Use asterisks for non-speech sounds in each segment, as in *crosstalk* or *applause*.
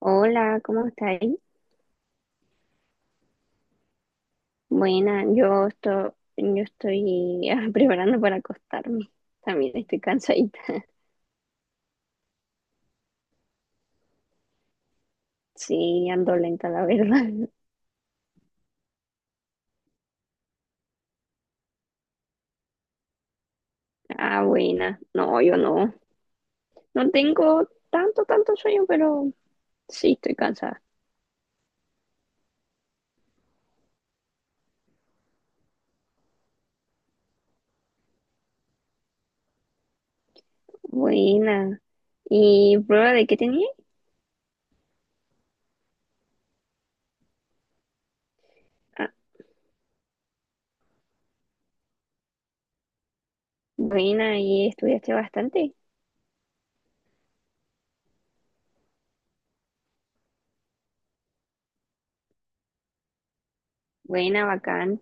Hola, ¿cómo estáis? Buena, yo estoy *laughs* preparando para acostarme. También estoy cansadita. Sí, ando lenta, la verdad. *laughs* Ah, buena. No, yo no. No tengo tanto sueño, pero sí estoy cansada. Buena. ¿Y prueba de qué tenía? Ah, buena, y estudiaste bastante. Buena, bacán.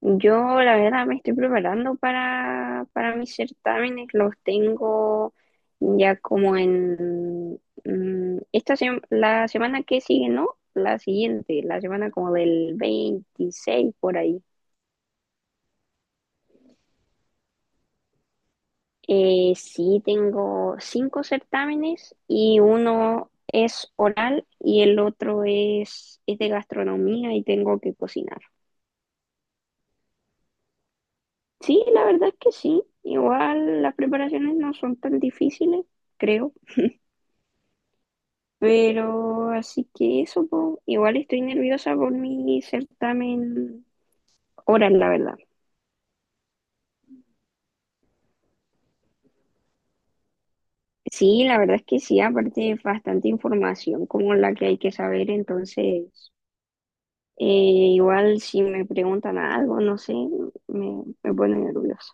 Yo la verdad me estoy preparando para mis certámenes, los tengo ya como en la semana que sigue, ¿no? La siguiente, la semana como del 26 por ahí. Sí, tengo 5 certámenes y uno es oral y el otro es de gastronomía y tengo que cocinar. Sí, la verdad es que sí. Igual las preparaciones no son tan difíciles, creo. Pero así que eso, po. Igual estoy nerviosa por mi certamen oral, la verdad. Sí, la verdad es que sí, aparte es bastante información como la que hay que saber, entonces eh, igual si me preguntan algo, no sé, me pone nerviosa.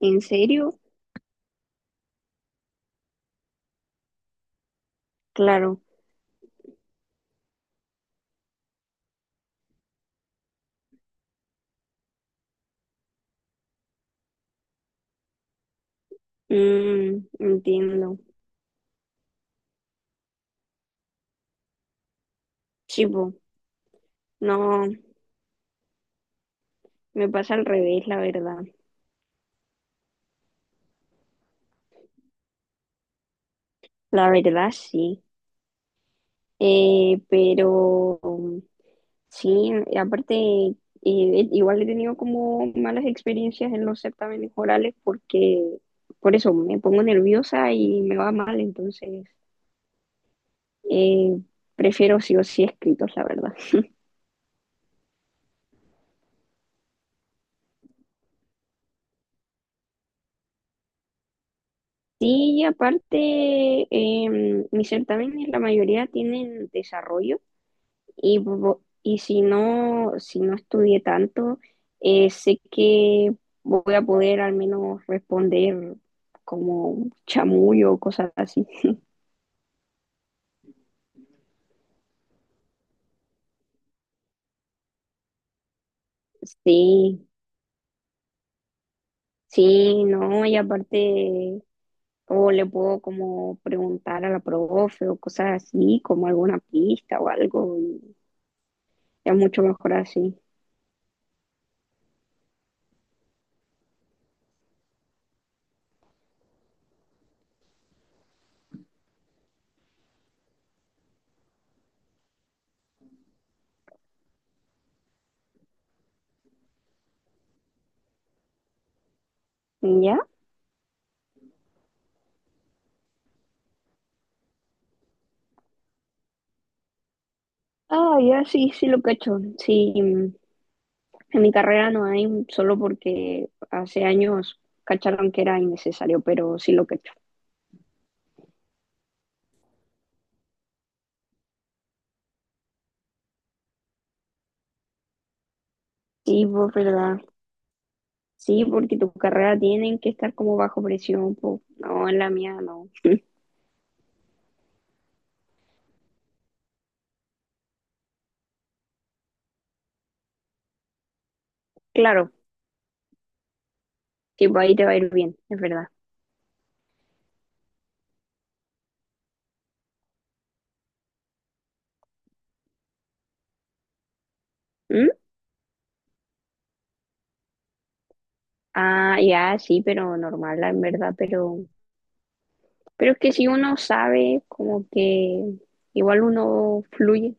¿En serio? Claro. Mm, entiendo. Sí, po. No, me pasa al revés, la verdad. La verdad sí. Pero... Sí, y aparte, igual he tenido como malas experiencias en los certámenes orales porque por eso me pongo nerviosa y me va mal, entonces eh, prefiero sí o sí escritos, la verdad. Sí, y aparte, mis certámenes la mayoría tienen desarrollo y, y si no, si no estudié tanto, sé que voy a poder al menos responder como chamullo o cosas así. Sí, sí, no, y aparte, o le puedo como preguntar a la profe o cosas así, como alguna pista o algo, y es mucho mejor así. ¿Ya? Ah, ya, sí, sí lo cacho. Sí, mm, en mi carrera no hay, solo porque hace años cacharon que era innecesario, pero sí lo cacho. Sí, pues verdad. Sí, porque tu carrera tienen que estar como bajo presión, pues no, en la mía no. Claro, sí, pues ahí te va a ir bien, es verdad. ¿Mm? Ah, ya, sí, pero normal, en verdad, pero es que si uno sabe, como que igual uno fluye.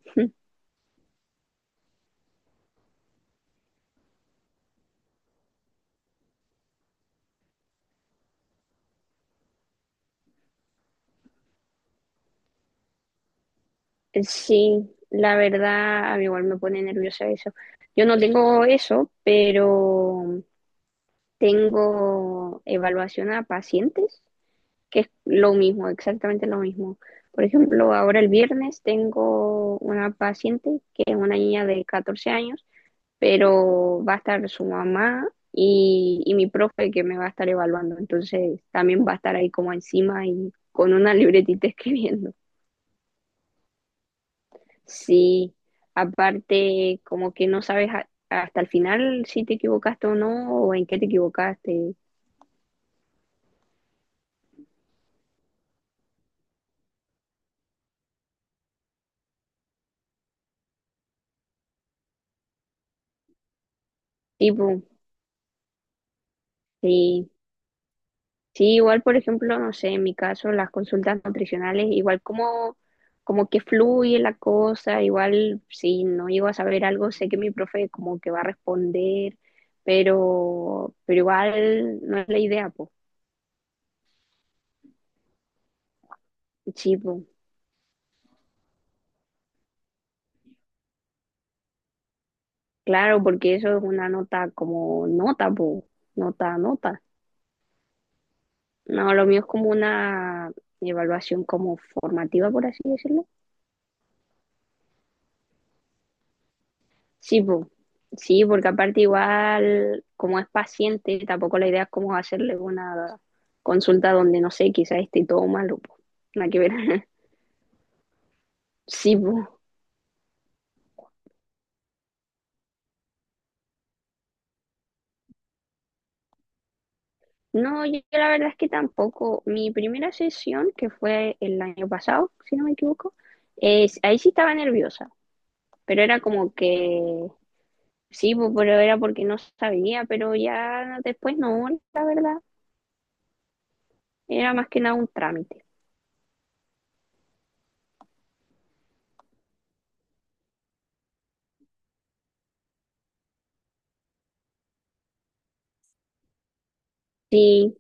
Sí, la verdad, a mí igual me pone nerviosa eso. Yo no tengo eso, pero tengo evaluación a pacientes, que es lo mismo, exactamente lo mismo. Por ejemplo, ahora el viernes tengo una paciente que es una niña de 14 años, pero va a estar su mamá y mi profe que me va a estar evaluando. Entonces también va a estar ahí como encima y con una libretita *laughs* escribiendo. Sí, aparte como que no sabes hasta el final si te equivocaste o no, o en qué te equivocaste. Tipo, sí, sí, igual, por ejemplo, no sé, en mi caso, las consultas nutricionales, igual como, como que fluye la cosa, igual si no llego a saber algo, sé que mi profe como que va a responder, pero igual no es la idea, pues. Sí, po. Claro, porque eso es una nota como nota, po. Nota, nota. No, lo mío es como una evaluación como formativa, por así decirlo. Sí, po. Sí, porque aparte igual, como es paciente, tampoco la idea es como hacerle una consulta donde, no sé, quizá esté todo malo, po. Nada que ver. *laughs* Sí, po. No, yo la verdad es que tampoco. Mi primera sesión, que fue el año pasado, si no me equivoco, ahí sí estaba nerviosa, pero era como que, sí, po, pero era porque no sabía, pero ya después no, la verdad, era más que nada un trámite. Sí,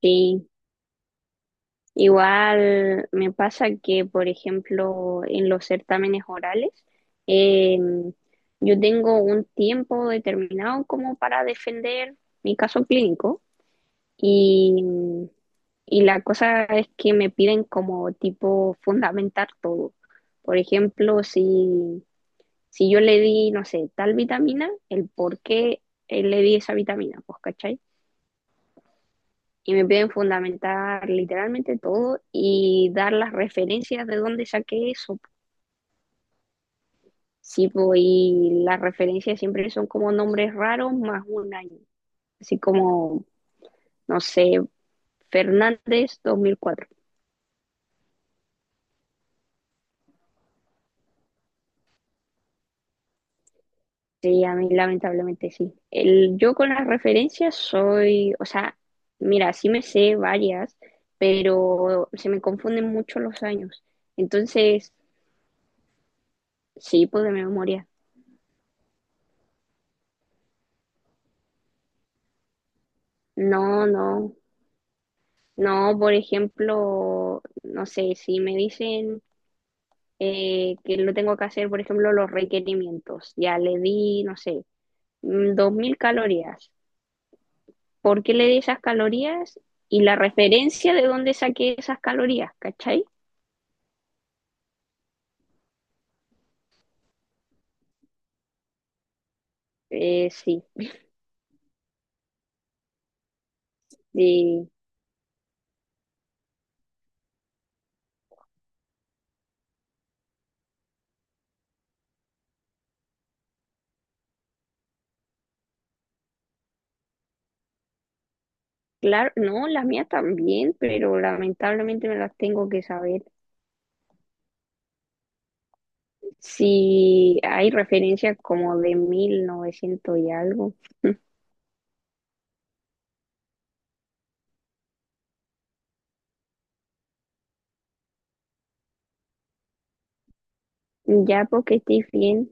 sí. Igual me pasa que, por ejemplo, en los certámenes orales, eh, yo tengo un tiempo determinado como para defender mi caso clínico y, y la cosa es que me piden como tipo fundamentar todo. Por ejemplo, si yo le di, no sé, tal vitamina, el por qué le di esa vitamina, pues, ¿cachai? Y me piden fundamentar literalmente todo y dar las referencias de dónde saqué eso. Sí, po, y las referencias siempre son como nombres raros más un año, así como, no sé, Fernández 2004. Sí, a mí lamentablemente sí. El, yo con las referencias soy, o sea, mira, sí me sé varias, pero se me confunden mucho los años. Entonces, sí, pues de memoria. No, no. No, por ejemplo, no sé, si me dicen que lo tengo que hacer, por ejemplo, los requerimientos, ya le di, no sé, 2000 calorías. ¿Por qué le di esas calorías? Y la referencia de dónde saqué esas calorías, ¿cachai? Sí, y claro, no, las mías también, pero lamentablemente me las tengo que saber. Si hay referencias como de 1900 y algo, *laughs* ya porque estoy bien.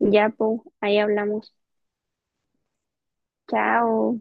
Ya, pues, ahí hablamos. Chao.